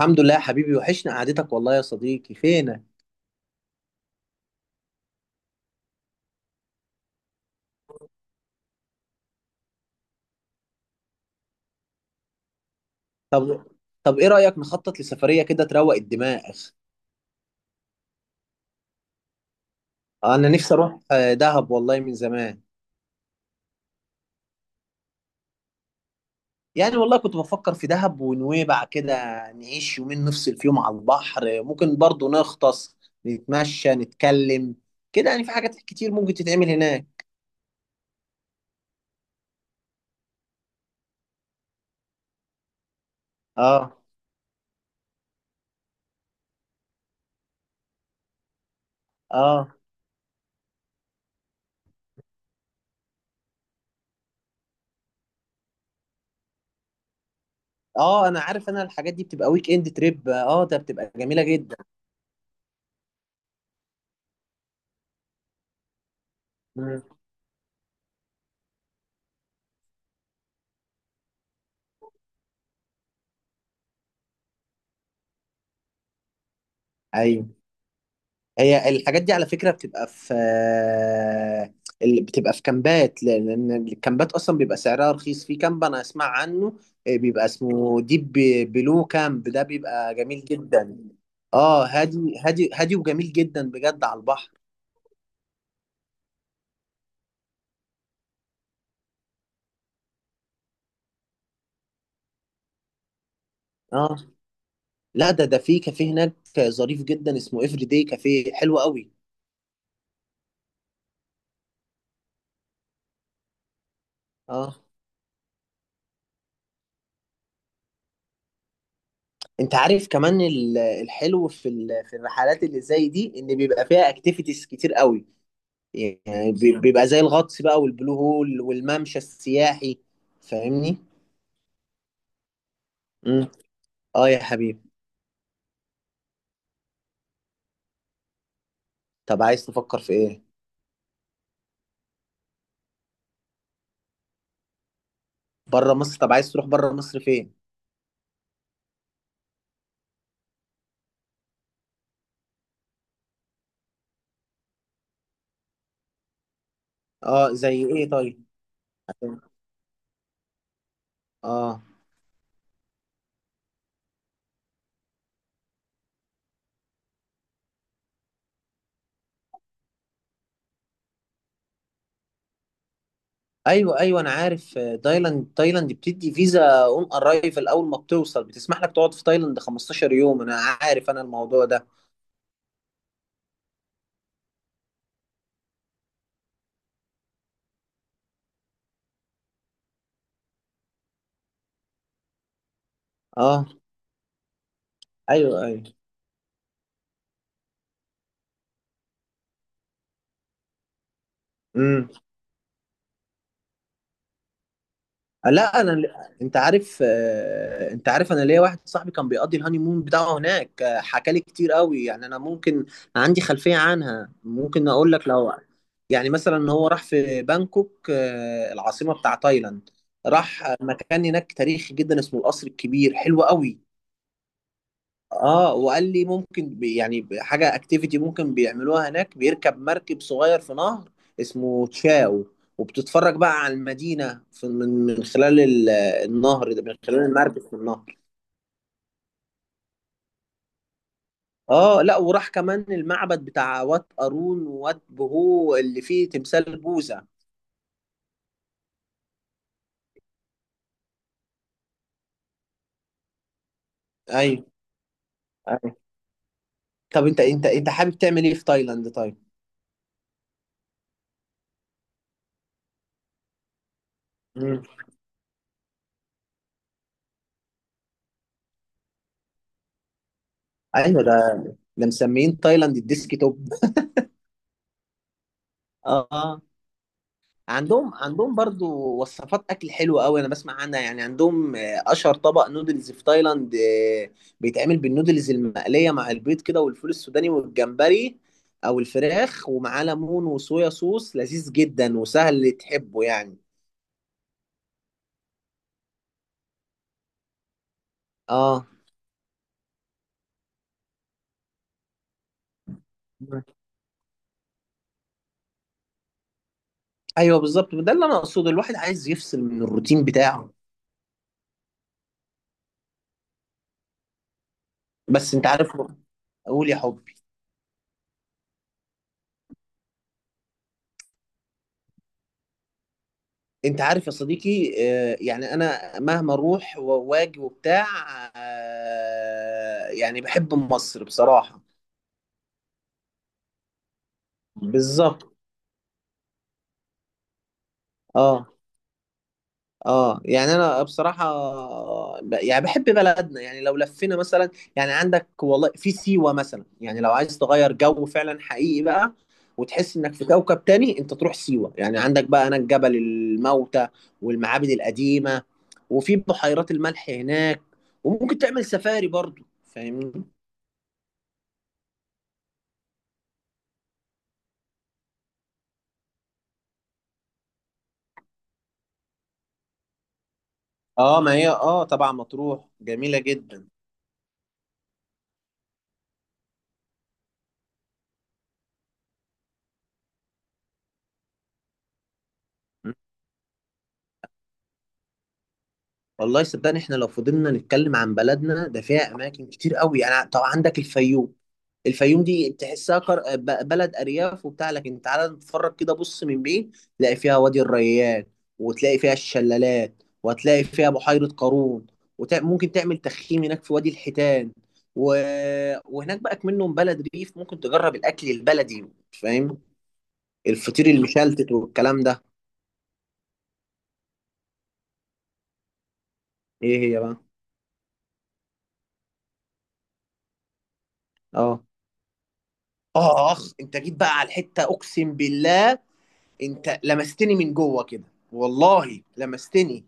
الحمد لله يا حبيبي، وحشنا قعدتك والله يا صديقي، فينك؟ طب طب ايه رأيك نخطط لسفرية كده تروق الدماغ؟ انا نفسي اروح دهب والله من زمان. يعني والله كنت بفكر في دهب ونويبع كده. نعيش يومين نفصل فيهم على البحر، ممكن برضو نغطس، نتمشى، نتكلم. كده يعني في حاجات كتير ممكن تتعمل هناك. اه. اه اه انا عارف، انا الحاجات دي بتبقى ويك اند تريب، اه ده بتبقى جميلة جدا. مم. ايوه، هي الحاجات دي على فكرة بتبقى في، اللي بتبقى في كامبات، لأن الكامبات أصلا بيبقى سعرها رخيص. في كامب أنا أسمع عنه، بيبقى اسمه ديب بلو كامب، ده بيبقى جميل جدا. اه، هادي هادي هادي وجميل جدا بجد على البحر. اه لا، ده في كافيه هناك ظريف جدا اسمه افري داي كافيه، حلو قوي. اه، انت عارف كمان الحلو في في الرحلات اللي زي دي ان بيبقى فيها اكتيفيتيز كتير قوي. يعني بيبقى زي الغطس بقى والبلو هول والممشى السياحي، فاهمني؟ امم. اه يا حبيبي. طب عايز تفكر في ايه؟ بره مصر؟ طب عايز تروح بره مصر فين؟ اه، زي ايه طيب؟ اه، ايوه ايوه انا عارف، تايلاند. تايلاند بتدي فيزا اون ارايفل، اول ما بتوصل بتسمح لك تقعد في تايلاند 15 يوم، انا عارف انا الموضوع ده. اه ايوه ايوه. امم. لا انا، انت عارف، انت عارف انا ليا واحد صاحبي كان بيقضي الهاني مون بتاعه هناك، حكى لي كتير قوي، يعني انا ممكن عندي خلفية عنها ممكن اقول لك. لو يعني مثلا هو راح في بانكوك، العاصمة بتاع تايلاند. راح مكان هناك تاريخي جدا اسمه القصر الكبير، حلو قوي. اه، وقال لي ممكن يعني حاجه اكتيفيتي ممكن بيعملوها هناك، بيركب مركب صغير في نهر اسمه تشاو، وبتتفرج بقى على المدينه في من خلال النهر ده، من خلال المركب في النهر. اه لا، وراح كمان المعبد بتاع وات قارون ووات بهو اللي فيه تمثال بوذا. ايوه. ايوه، طب انت حابب تعمل ايه في تايلاند طيب؟ مم. ايوه، ده مسميين تايلاند الديسك توب. اه، عندهم عندهم برضو وصفات اكل حلوه قوي انا بسمع عنها. يعني عندهم اشهر طبق نودلز في تايلاند، بيتعمل بالنودلز المقليه مع البيض كده والفول السوداني والجمبري او الفراخ، ومعاه ليمون وصويا صوص، لذيذ جدا وسهل، تحبه يعني. اه. ايوه بالظبط، ده اللي انا اقصده، الواحد عايز يفصل من الروتين بتاعه. بس انت عارف، قول يا حبي. انت عارف يا صديقي، يعني انا مهما اروح واجي وبتاع، يعني بحب مصر بصراحة. بالظبط. اه. اه يعني انا بصراحه، يعني بحب بلدنا. يعني لو لفينا مثلا، يعني عندك والله في سيوه مثلا. يعني لو عايز تغير جو فعلا حقيقي بقى وتحس انك في كوكب تاني، انت تروح سيوه. يعني عندك بقى هناك جبل الموتى والمعابد القديمه، وفي بحيرات الملح هناك، وممكن تعمل سفاري برضو، فاهمني؟ اه، ما هي اه طبعا مطروح جميله جدا. والله صدقني، احنا لو فضلنا نتكلم عن بلدنا ده فيها اماكن كتير قوي. يعني طبعا عندك الفيوم. الفيوم دي تحسها بلد ارياف وبتاع، لكن تعالى نتفرج كده، بص من بعيد تلاقي فيها وادي الريان، وتلاقي فيها الشلالات، وهتلاقي فيها بحيرة قارون، وممكن تعمل تخييم هناك في وادي الحيتان و... وهناك بقى منهم بلد ريف، ممكن تجرب الاكل البلدي، فاهم؟ الفطير المشلتت والكلام ده. ايه هي بقى؟ اه. اخ انت جيت بقى على الحتة، اقسم بالله انت لمستني من جوه كده، والله لمستني.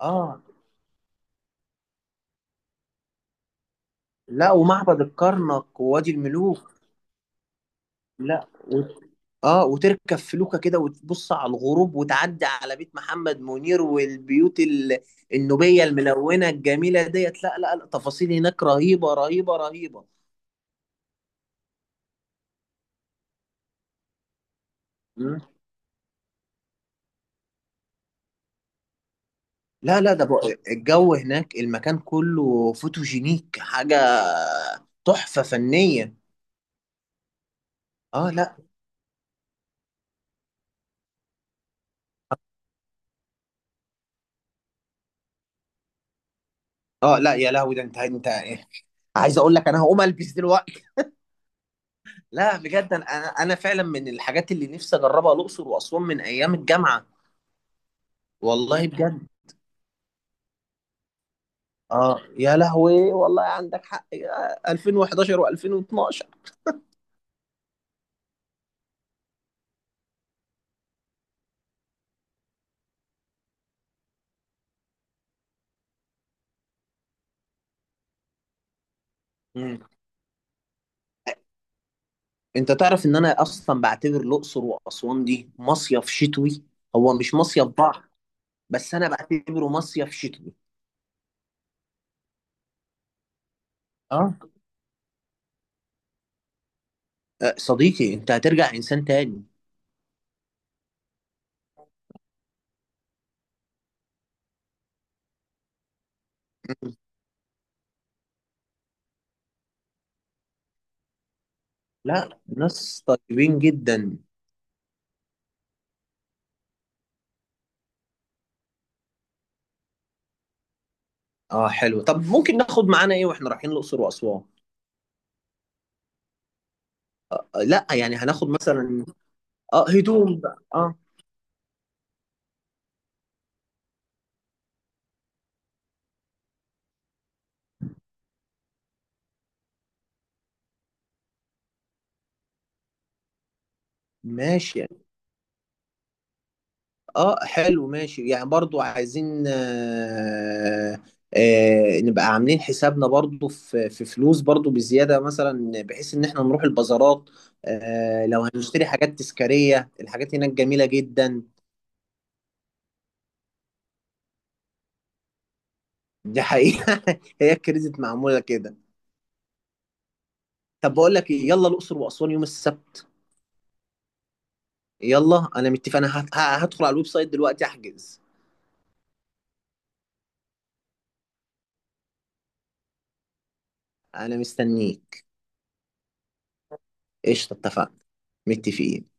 اه لا، ومعبد الكرنك ووادي الملوك. لا اه، وتركب فلوكة كده وتبص على الغروب، وتعدي على بيت محمد منير والبيوت النوبية الملونة الجميلة ديت. لا لا لا، تفاصيل هناك رهيبة رهيبة رهيبة. مم. لا لا، ده بقى الجو هناك، المكان كله فوتوجينيك، حاجة تحفة فنية. اه لا. اه لا يا لهوي، ده انت انت إيه؟ عايز اقول لك انا هقوم البس دلوقتي. لا بجد، انا فعلا من الحاجات اللي نفسي اجربها الاقصر واسوان من ايام الجامعه. والله بجد. اه يا لهوي، والله عندك حق يا 2011 و2012. مم. انت تعرف ان انا اصلا بعتبر الاقصر واسوان دي مصيف شتوي، هو مش مصيف بحر، بس انا بعتبره مصيف شتوي. اه. صديقي انت هترجع انسان تاني. مم. لا، ناس طيبين جدا. اه حلو. طب ممكن ناخد معانا ايه واحنا رايحين الاقصر واسوان؟ لا يعني هناخد مثلا، اه هدوم بقى اه، ماشي يعني. اه حلو، ماشي يعني. برضو عايزين آه، آه نبقى عاملين حسابنا برضو في فلوس برضو بزيادة، مثلا بحيث ان احنا نروح البازارات، آه لو هنشتري حاجات تذكارية، الحاجات هناك جميلة جدا. دي حقيقة. هي كريزت معمولة كده. طب بقول لك ايه، يلا الأقصر وأسوان يوم السبت. يلا، انا متفق، انا هدخل على الويب سايت دلوقتي احجز. انا مستنيك. قشطة اتفقنا. متفقين.